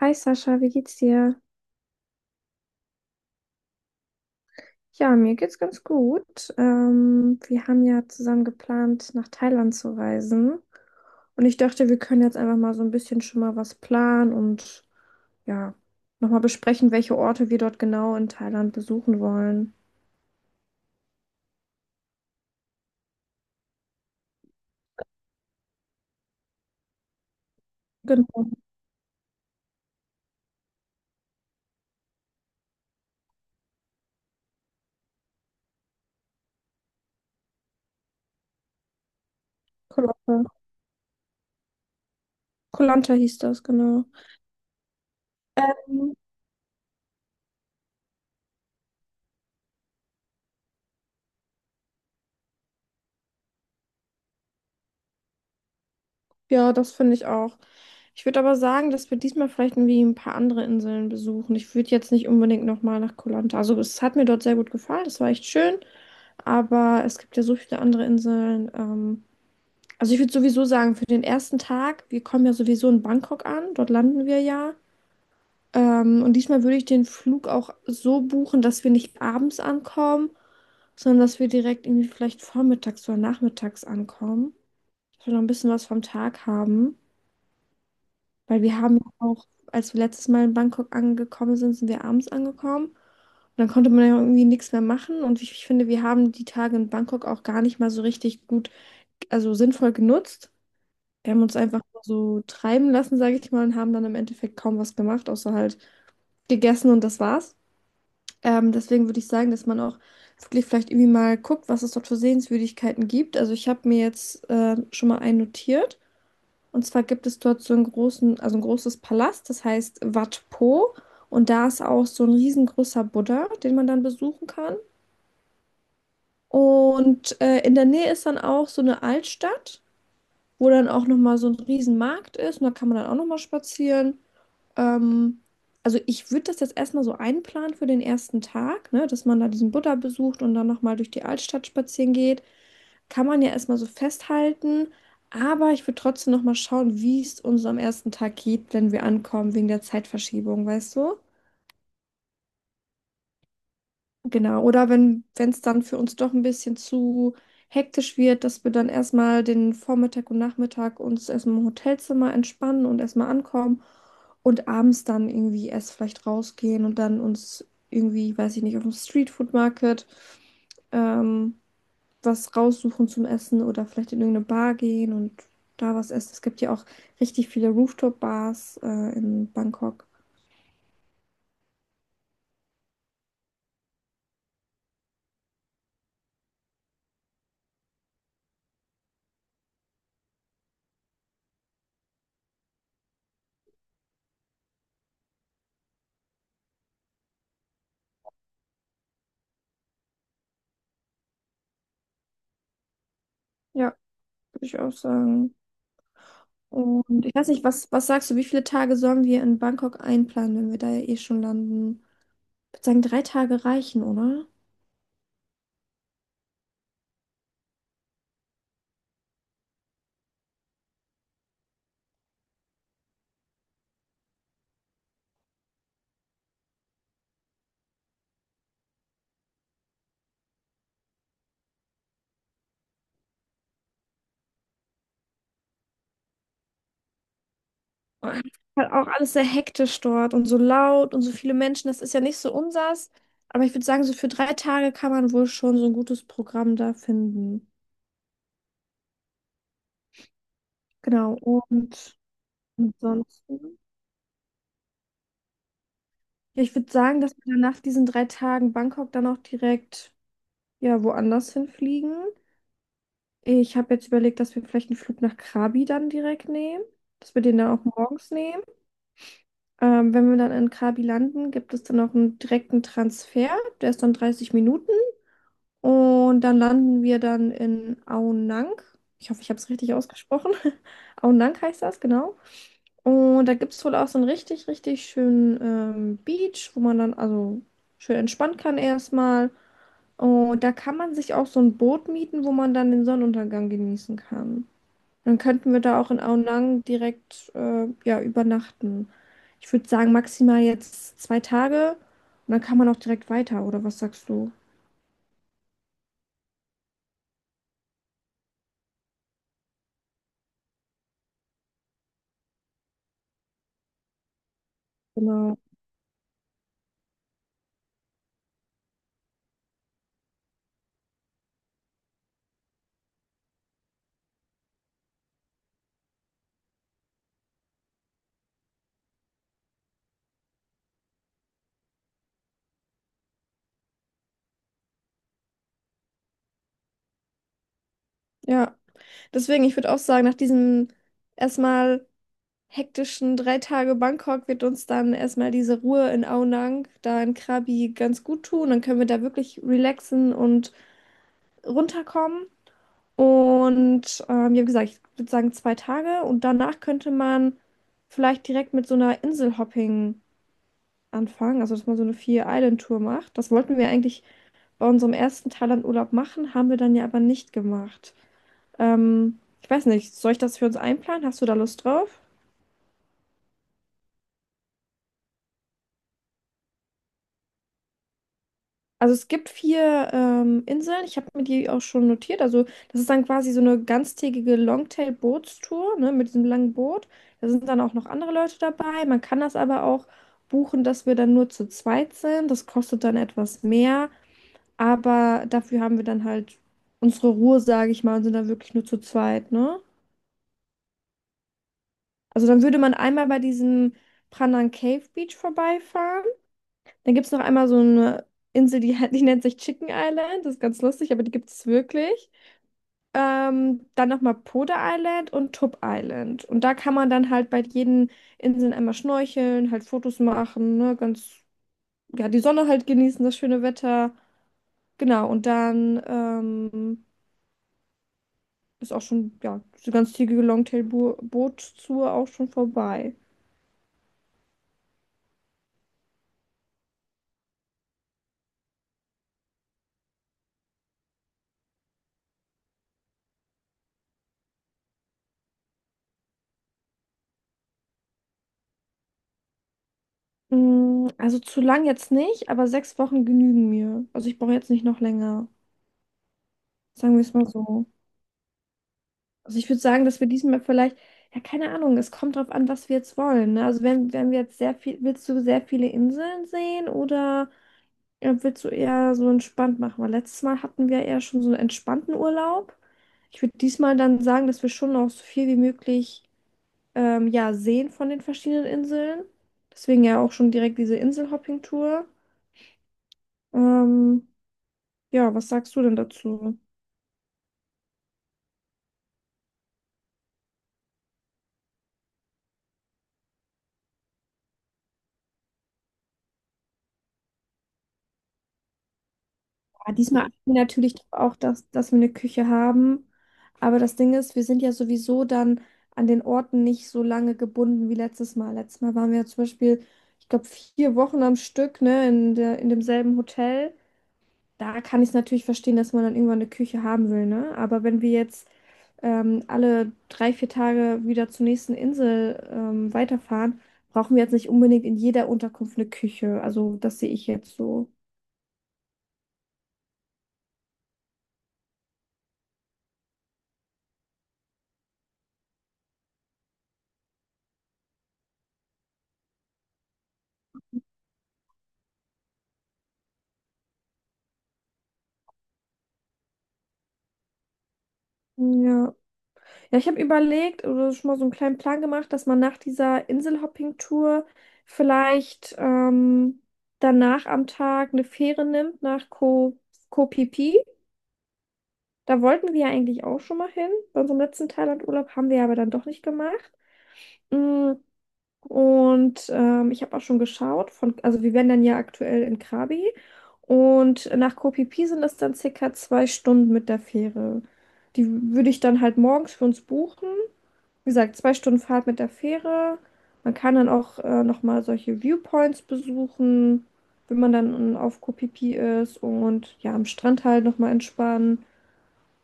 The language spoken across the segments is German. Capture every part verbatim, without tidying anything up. Hi Sascha, wie geht's dir? Ja, mir geht's ganz gut. Ähm, wir haben ja zusammen geplant, nach Thailand zu reisen. Und ich dachte, wir können jetzt einfach mal so ein bisschen schon mal was planen und ja, nochmal besprechen, welche Orte wir dort genau in Thailand besuchen wollen. Genau, Koh Lanta hieß das, genau. Ähm, ja, das finde ich auch. Ich würde aber sagen, dass wir diesmal vielleicht irgendwie ein paar andere Inseln besuchen. Ich würde jetzt nicht unbedingt nochmal nach Koh Lanta. Also es hat mir dort sehr gut gefallen, es war echt schön. Aber es gibt ja so viele andere Inseln. Ähm, also ich würde sowieso sagen, für den ersten Tag, wir kommen ja sowieso in Bangkok an, dort landen wir ja. Ähm, und diesmal würde ich den Flug auch so buchen, dass wir nicht abends ankommen, sondern dass wir direkt irgendwie vielleicht vormittags oder nachmittags ankommen. Dass wir noch ein bisschen was vom Tag haben. Weil wir haben ja auch, als wir letztes Mal in Bangkok angekommen sind, sind wir abends angekommen. Und dann konnte man ja irgendwie nichts mehr machen. Und ich, ich finde, wir haben die Tage in Bangkok auch gar nicht mal so richtig gut, also sinnvoll genutzt. Wir haben uns einfach so treiben lassen, sage ich mal, und haben dann im Endeffekt kaum was gemacht, außer halt gegessen und das war's. Ähm, deswegen würde ich sagen, dass man auch wirklich vielleicht irgendwie mal guckt, was es dort für Sehenswürdigkeiten gibt. Also ich habe mir jetzt äh, schon mal einen notiert. Und zwar gibt es dort so einen großen, also ein großes Palast, das heißt Wat Po. Und da ist auch so ein riesengroßer Buddha, den man dann besuchen kann. Und äh, in der Nähe ist dann auch so eine Altstadt, wo dann auch nochmal so ein Riesenmarkt ist und da kann man dann auch nochmal spazieren. Ähm, also ich würde das jetzt erstmal so einplanen für den ersten Tag, ne, dass man da diesen Buddha besucht und dann nochmal durch die Altstadt spazieren geht. Kann man ja erstmal so festhalten, aber ich würde trotzdem nochmal schauen, wie es uns am ersten Tag geht, wenn wir ankommen, wegen der Zeitverschiebung, weißt du? Genau, oder wenn wenn es dann für uns doch ein bisschen zu hektisch wird, dass wir dann erstmal den Vormittag und Nachmittag uns erstmal im Hotelzimmer entspannen und erstmal ankommen und abends dann irgendwie erst vielleicht rausgehen und dann uns irgendwie, weiß ich nicht, auf dem Streetfood Market ähm, was raussuchen zum Essen oder vielleicht in irgendeine Bar gehen und da was essen. Es gibt ja auch richtig viele Rooftop-Bars äh, in Bangkok. Ja, würde ich auch sagen. Und ich weiß nicht, was, was sagst du, wie viele Tage sollen wir in Bangkok einplanen, wenn wir da ja eh schon landen? Ich würde sagen, drei Tage reichen, oder? Halt auch alles sehr hektisch dort und so laut und so viele Menschen, das ist ja nicht so unsers. Aber ich würde sagen, so für drei Tage kann man wohl schon so ein gutes Programm da finden. Genau, und ansonsten. Ja, ich würde sagen, dass wir dann nach diesen drei Tagen Bangkok dann auch direkt ja woanders hinfliegen. Ich habe jetzt überlegt, dass wir vielleicht einen Flug nach Krabi dann direkt nehmen, dass wir den dann auch morgens nehmen. Ähm, wenn wir dann in Krabi landen, gibt es dann auch einen direkten Transfer, der ist dann dreißig Minuten und dann landen wir dann in Aonang. Ich hoffe, ich habe es richtig ausgesprochen. Aonang heißt das, genau. Und da gibt es wohl auch so einen richtig, richtig schönen ähm, Beach, wo man dann also schön entspannen kann erstmal. Und da kann man sich auch so ein Boot mieten, wo man dann den Sonnenuntergang genießen kann. Dann könnten wir da auch in Aonang direkt äh, ja, übernachten. Ich würde sagen, maximal jetzt zwei Tage und dann kann man auch direkt weiter, oder was sagst du? Genau. Ja, deswegen, ich würde auch sagen, nach diesem erstmal hektischen drei Tage Bangkok wird uns dann erstmal diese Ruhe in Aonang, da in Krabi, ganz gut tun. Dann können wir da wirklich relaxen und runterkommen. Und ähm, ja, wie gesagt, ich würde sagen zwei Tage. Und danach könnte man vielleicht direkt mit so einer Inselhopping anfangen, also dass man so eine Vier-Island-Tour macht. Das wollten wir eigentlich bei unserem ersten Thailand-Urlaub machen, haben wir dann ja aber nicht gemacht. Ähm, ich weiß nicht, soll ich das für uns einplanen? Hast du da Lust drauf? Also es gibt vier ähm, Inseln, ich habe mir die auch schon notiert. Also das ist dann quasi so eine ganztägige Longtail-Bootstour, ne, mit diesem langen Boot. Da sind dann auch noch andere Leute dabei. Man kann das aber auch buchen, dass wir dann nur zu zweit sind. Das kostet dann etwas mehr, aber dafür haben wir dann halt unsere Ruhe, sage ich mal, und sind dann wirklich nur zu zweit, ne? Also dann würde man einmal bei diesem Pranan Cave Beach vorbeifahren. Dann gibt es noch einmal so eine Insel, die, die nennt sich Chicken Island. Das ist ganz lustig, aber die gibt es wirklich. Ähm, dann nochmal Poda Island und Tup Island. Und da kann man dann halt bei jeden Inseln einmal schnorcheln, halt Fotos machen, ne? Ganz, ja, die Sonne halt genießen, das schöne Wetter. Genau, und dann ähm, ist auch schon, ja, die ganz zügige Longtail-Boot-Tour auch schon vorbei. Mm, also zu lang jetzt nicht, aber sechs Wochen genügen mir. Also ich brauche jetzt nicht noch länger. Sagen wir es mal so. Also ich würde sagen, dass wir diesmal vielleicht, ja, keine Ahnung, es kommt drauf an, was wir jetzt wollen. Ne? Also wenn, wenn wir jetzt sehr viel, willst du sehr viele Inseln sehen oder äh, willst du eher so entspannt machen? Weil letztes Mal hatten wir eher schon so einen entspannten Urlaub. Ich würde diesmal dann sagen, dass wir schon noch so viel wie möglich ähm, ja, sehen von den verschiedenen Inseln. Deswegen ja auch schon direkt diese Inselhopping-Tour. Ähm, ja, was sagst du denn dazu? Ja, diesmal achten wir natürlich auch, dass, dass wir eine Küche haben. Aber das Ding ist, wir sind ja sowieso dann an den Orten nicht so lange gebunden wie letztes Mal. Letztes Mal waren wir ja zum Beispiel, ich glaube, vier Wochen am Stück, ne, in der, in demselben Hotel. Da kann ich es natürlich verstehen, dass man dann irgendwann eine Küche haben will, ne? Aber wenn wir jetzt ähm, alle drei, vier Tage wieder zur nächsten Insel ähm, weiterfahren, brauchen wir jetzt nicht unbedingt in jeder Unterkunft eine Küche. Also das sehe ich jetzt so. Ja. Ja, ich habe überlegt oder schon mal so einen kleinen Plan gemacht, dass man nach dieser Inselhopping-Tour vielleicht ähm, danach am Tag eine Fähre nimmt nach Ko Koh Phi Phi. Da wollten wir ja eigentlich auch schon mal hin. Bei unserem letzten Thailand-Urlaub haben wir aber dann doch nicht gemacht. Mm, und ähm, ich habe auch schon geschaut, von, also wir wären dann ja aktuell in Krabi und nach Koh Phi Phi sind es dann circa zwei Stunden mit der Fähre. Die würde ich dann halt morgens für uns buchen, wie gesagt, zwei Stunden Fahrt mit der Fähre. Man kann dann auch äh, nochmal solche Viewpoints besuchen, wenn man dann äh, auf Koh Phi Phi ist und ja, am Strand halt nochmal entspannen.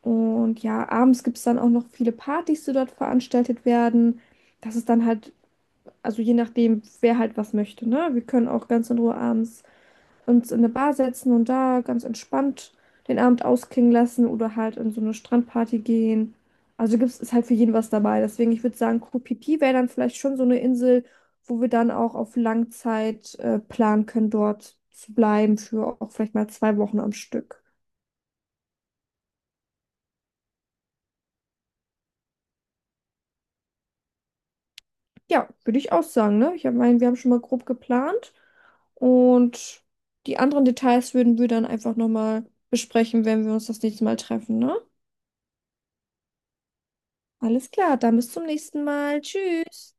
Und ja, abends gibt es dann auch noch viele Partys, die dort veranstaltet werden. Das ist dann halt, also je nachdem, wer halt was möchte, ne? Wir können auch ganz in Ruhe abends uns in eine Bar setzen und da ganz entspannt den Abend ausklingen lassen oder halt in so eine Strandparty gehen. Also gibt's, ist halt für jeden was dabei. Deswegen, ich würde sagen, Koh Phi Phi wäre dann vielleicht schon so eine Insel, wo wir dann auch auf Langzeit äh, planen können, dort zu bleiben für auch vielleicht mal zwei Wochen am Stück. Ja, würde ich auch sagen, ne? Ich hab- meine, wir haben schon mal grob geplant und die anderen Details würden wir dann einfach nochmal besprechen, wenn wir uns das nächste Mal treffen, ne? Alles klar, dann bis zum nächsten Mal. Tschüss.